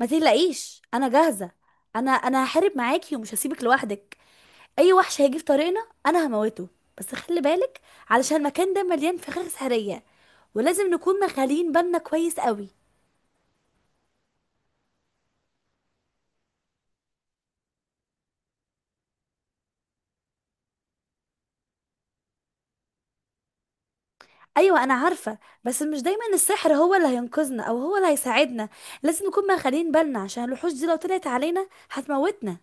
ما تقلقيش، انا جاهزه. انا هحارب معاكي ومش هسيبك لوحدك. اي وحش هيجي في طريقنا انا هموته. بس خلي بالك، علشان المكان ده مليان فخاخ سحريه ولازم نكون مخالين بالنا كويس قوي. ايوه انا عارفه، بس مش دايما السحر هو اللي هينقذنا او هو اللي هيساعدنا. لازم نكون مخالين بالنا عشان الوحوش دي لو طلعت علينا هتموتنا.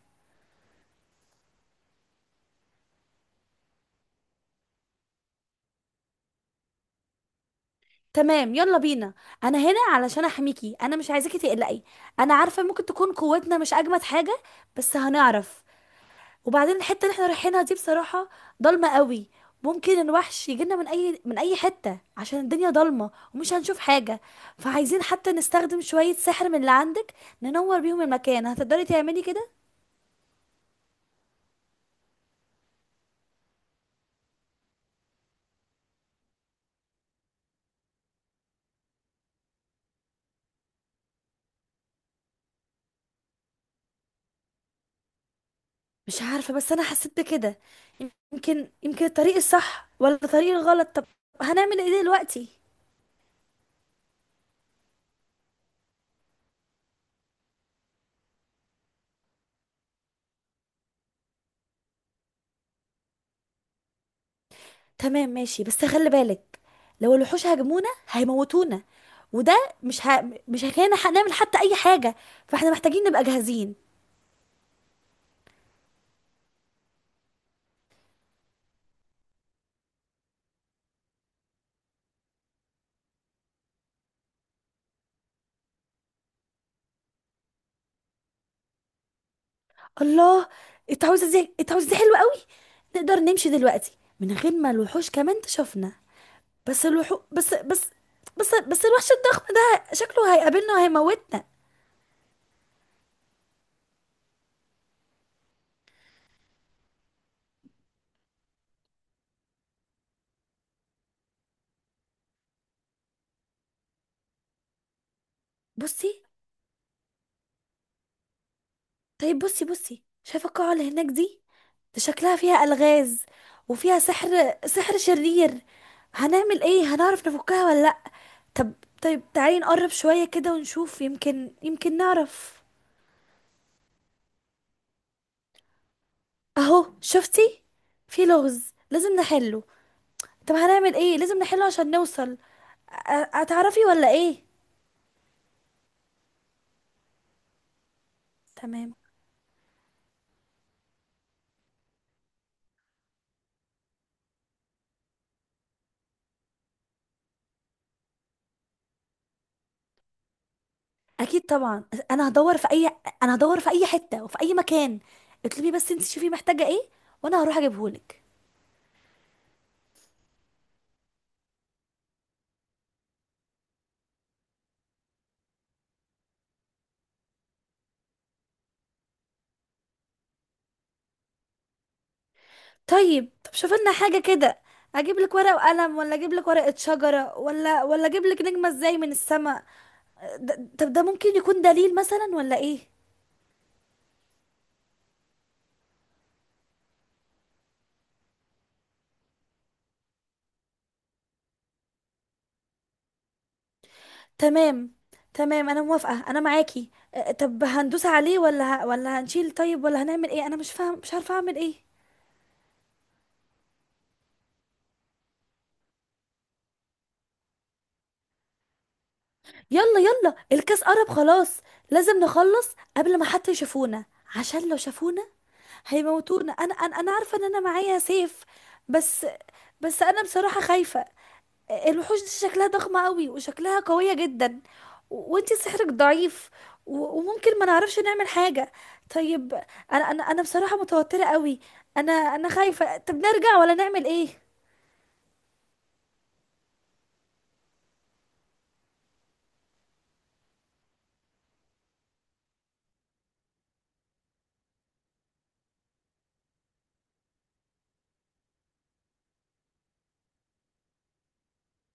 تمام، يلا بينا. انا هنا علشان احميكي، انا مش عايزاكي تقلقي. انا عارفه ممكن تكون قوتنا مش اجمد حاجه، بس هنعرف. وبعدين الحته اللي احنا رايحينها دي بصراحه ضلمه قوي. ممكن الوحش يجينا من اي حته عشان الدنيا ضلمه ومش هنشوف حاجه. فعايزين حتى نستخدم شويه سحر من اللي عندك ننور بيهم المكان. هتقدري تعملي كده؟ مش عارفه، بس انا حسيت بكده. يمكن يمكن الطريق الصح ولا الطريق الغلط. طب هنعمل ايه دلوقتي؟ تمام ماشي، بس خلي بالك. لو الوحوش هاجمونا هيموتونا، وده مش هيخلينا نعمل حتى اي حاجه. فاحنا محتاجين نبقى جاهزين. الله، التعويذه دي حلوه قوي. نقدر نمشي دلوقتي من غير ما الوحوش كمان تشوفنا. بس الوحو بس بس بس بس الوحش الضخم ده شكله هيقابلنا وهيموتنا. بصي، طيب بصي بصي، شايفه القاعه اللي هناك دي؟ ده شكلها فيها الغاز وفيها سحر شرير. هنعمل ايه؟ هنعرف نفكها ولا لا؟ طب طيب، تعالي نقرب شويه كده ونشوف، يمكن يمكن نعرف. اهو شفتي، في لغز لازم نحله. طب هنعمل ايه؟ لازم نحله عشان نوصل. أ- هتعرفي ولا ايه؟ تمام. اكيد طبعا. انا هدور في اي انا هدور في اي حته وفي اي مكان. اطلبي بس، انت شوفي محتاجه ايه وانا هروح اجيبهولك. طيب، طب شوف لنا حاجه كده. اجيب لك ورق وقلم، ولا اجيب لك ورقه شجره، ولا اجيب لك نجمه ازاي من السماء؟ طب ده ممكن يكون دليل مثلا ولا ايه؟ تمام تمام انا موافقه، انا معاكي. طب هندوس عليه ولا ولا هنشيل، طيب، ولا هنعمل ايه؟ انا مش فاهم، مش عارفه اعمل ايه. يلا يلا، الكاس قرب خلاص. لازم نخلص قبل ما حتى يشوفونا، عشان لو شافونا هيموتونا. انا عارفه ان انا معايا سيف. بس بس انا بصراحه خايفه. الوحوش دي شكلها ضخمه قوي وشكلها قويه جدا. وانتي سحرك ضعيف. وممكن ما نعرفش نعمل حاجه. طيب. انا بصراحه متوتره قوي. انا خايفه. طب نرجع ولا نعمل ايه؟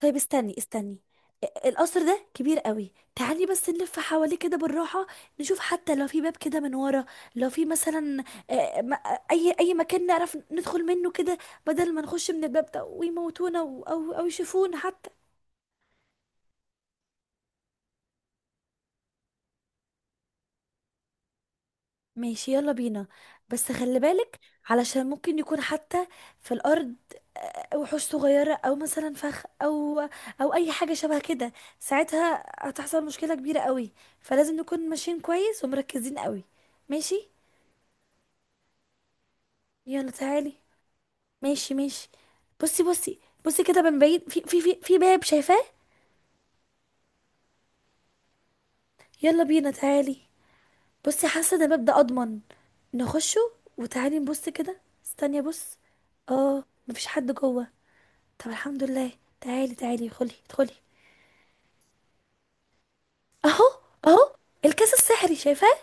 طيب استني استني. القصر ده كبير قوي، تعالي بس نلف حواليه كده بالراحة، نشوف حتى لو في باب كده من ورا. لو في مثلا، آه، م- اي مكان نعرف ندخل منه كده، بدل ما نخش من الباب ده ويموتونا او او يشوفونا حتى. ماشي، يلا بينا، بس خلي بالك علشان ممكن يكون حتى في الارض وحوش صغيرة، او مثلا فخ، او اي حاجة شبه كده. ساعتها هتحصل مشكلة كبيرة قوي، فلازم نكون ماشيين كويس ومركزين قوي. ماشي. يلا تعالي. ماشي ماشي. بصي بصي، بصي كده من بعيد، في باب شايفاه. يلا بينا، تعالي. بصي، حاسه ان الباب ده اضمن، نخشه. وتعالي نبص كده. استني بص. اه، مفيش حد جوه. طب الحمد لله. تعالي تعالي، خلي ادخلي. اهو، اهو، الكاس السحري شايفاه.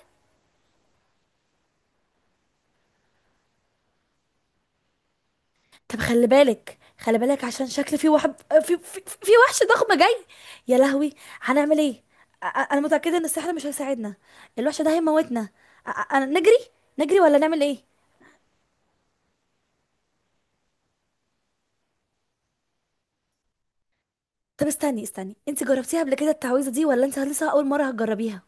طب خلي بالك خلي بالك، عشان شكل في واحد، في وحش ضخم جاي. يا لهوي، هنعمل ايه؟ انا متأكدة ان السحر مش هيساعدنا. الوحش ده هيموتنا. أنا نجري، نجري ولا نعمل ايه؟ طب استني استني، انت جربتيها قبل كده التعويذة دي، ولا انت لسه اول مرة هتجربيها؟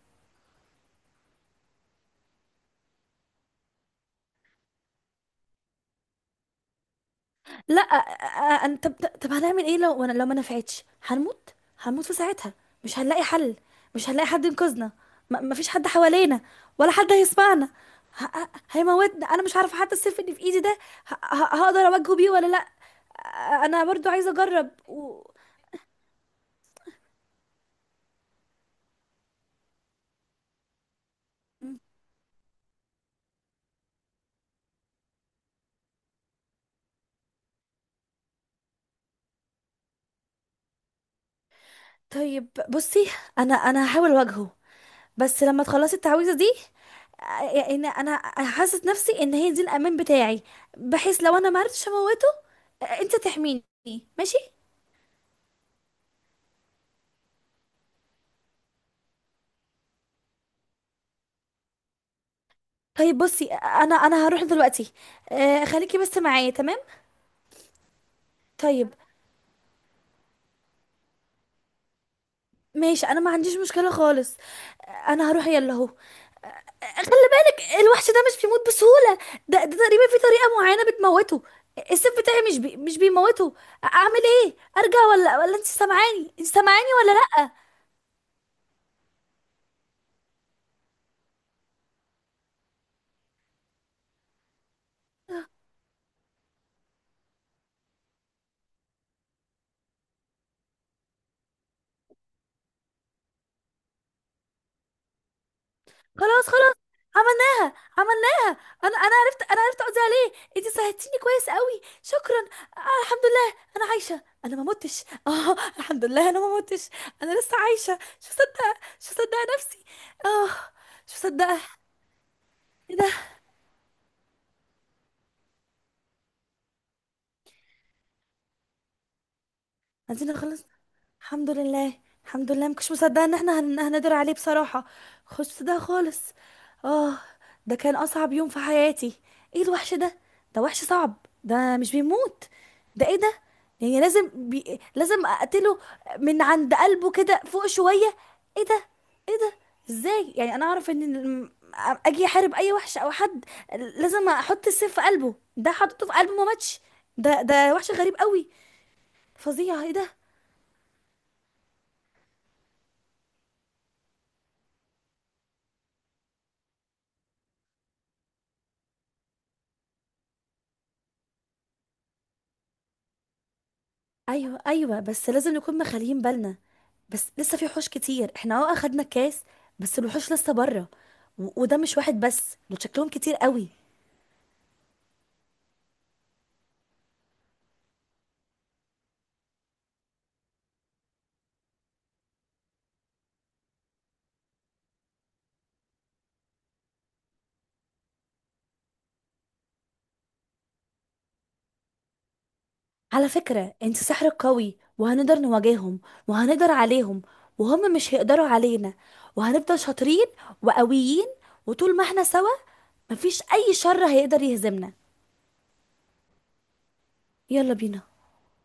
لا طب هنعمل ايه لو انا، لو ما نفعتش هنموت؟ هنموت في ساعتها. مش هنلاقي حل. مش هنلاقي حد ينقذنا. ما فيش حد حوالينا، ولا حد هيسمعنا. هيموتنا. انا مش عارفه حتى السيف اللي في ايدي ده هقدر اواجهه بيه ولا لا. انا برضو عايزه اجرب طيب بصي، انا هحاول اواجهه بس لما تخلصي التعويذه دي. يعني ان انا حاسه نفسي ان هي دي الامان بتاعي، بحيث لو انا ما عرفتش اموته، انت تحميني. ماشي. طيب بصي، انا هروح دلوقتي. خليكي بس معايا، تمام. طيب ماشي، انا ما عنديش مشكله خالص. انا هروح يلا اهو. خلي بالك الوحش ده مش بيموت بسهوله. ده تقريبا في طريقه معينه بتموته. السيف بتاعي مش بيموته. اعمل ايه؟ ارجع ولا ولا انت سامعاني؟ ولا؟ خلاص خلاص، عملناها عملناها. انا عرفت، انا عرفت اقضي عليه. انت ساعدتيني كويس قوي، شكرا. آه الحمد لله، انا عايشه، انا ما متش اه الحمد لله انا ما متش، انا لسه عايشه. مش مصدقه، مش مصدقه نفسي. اه، مش مصدقه. ايه ده؟ عايزين نخلص. الحمد لله. الحمد لله، مكنتش مصدقه ان احنا هنقدر عليه بصراحه. خش ده خالص. اه، ده كان اصعب يوم في حياتي. ايه الوحش ده؟ ده وحش صعب، ده مش بيموت. ده ايه ده؟ يعني لازم لازم اقتله من عند قلبه كده فوق شويه. ايه ده، ايه ده؟ ازاي يعني انا اعرف ان اجي احارب اي وحش او حد لازم احط السيف في قلبه. ده حطيته في قلبه ما ماتش. ده وحش غريب قوي، فظيع. ايه ده. ايوه ايوه، بس لازم نكون مخليين بالنا. بس لسه في وحوش كتير. احنا اه اخدنا الكاس، بس الوحوش لسه بره. وده مش واحد بس، دول شكلهم كتير قوي. على فكرة انت سحرك قوي، وهنقدر نواجههم وهنقدر عليهم، وهم مش هيقدروا علينا. وهنفضل شاطرين وقويين. وطول ما احنا سوا، مفيش اي شر هيقدر يهزمنا. يلا بينا.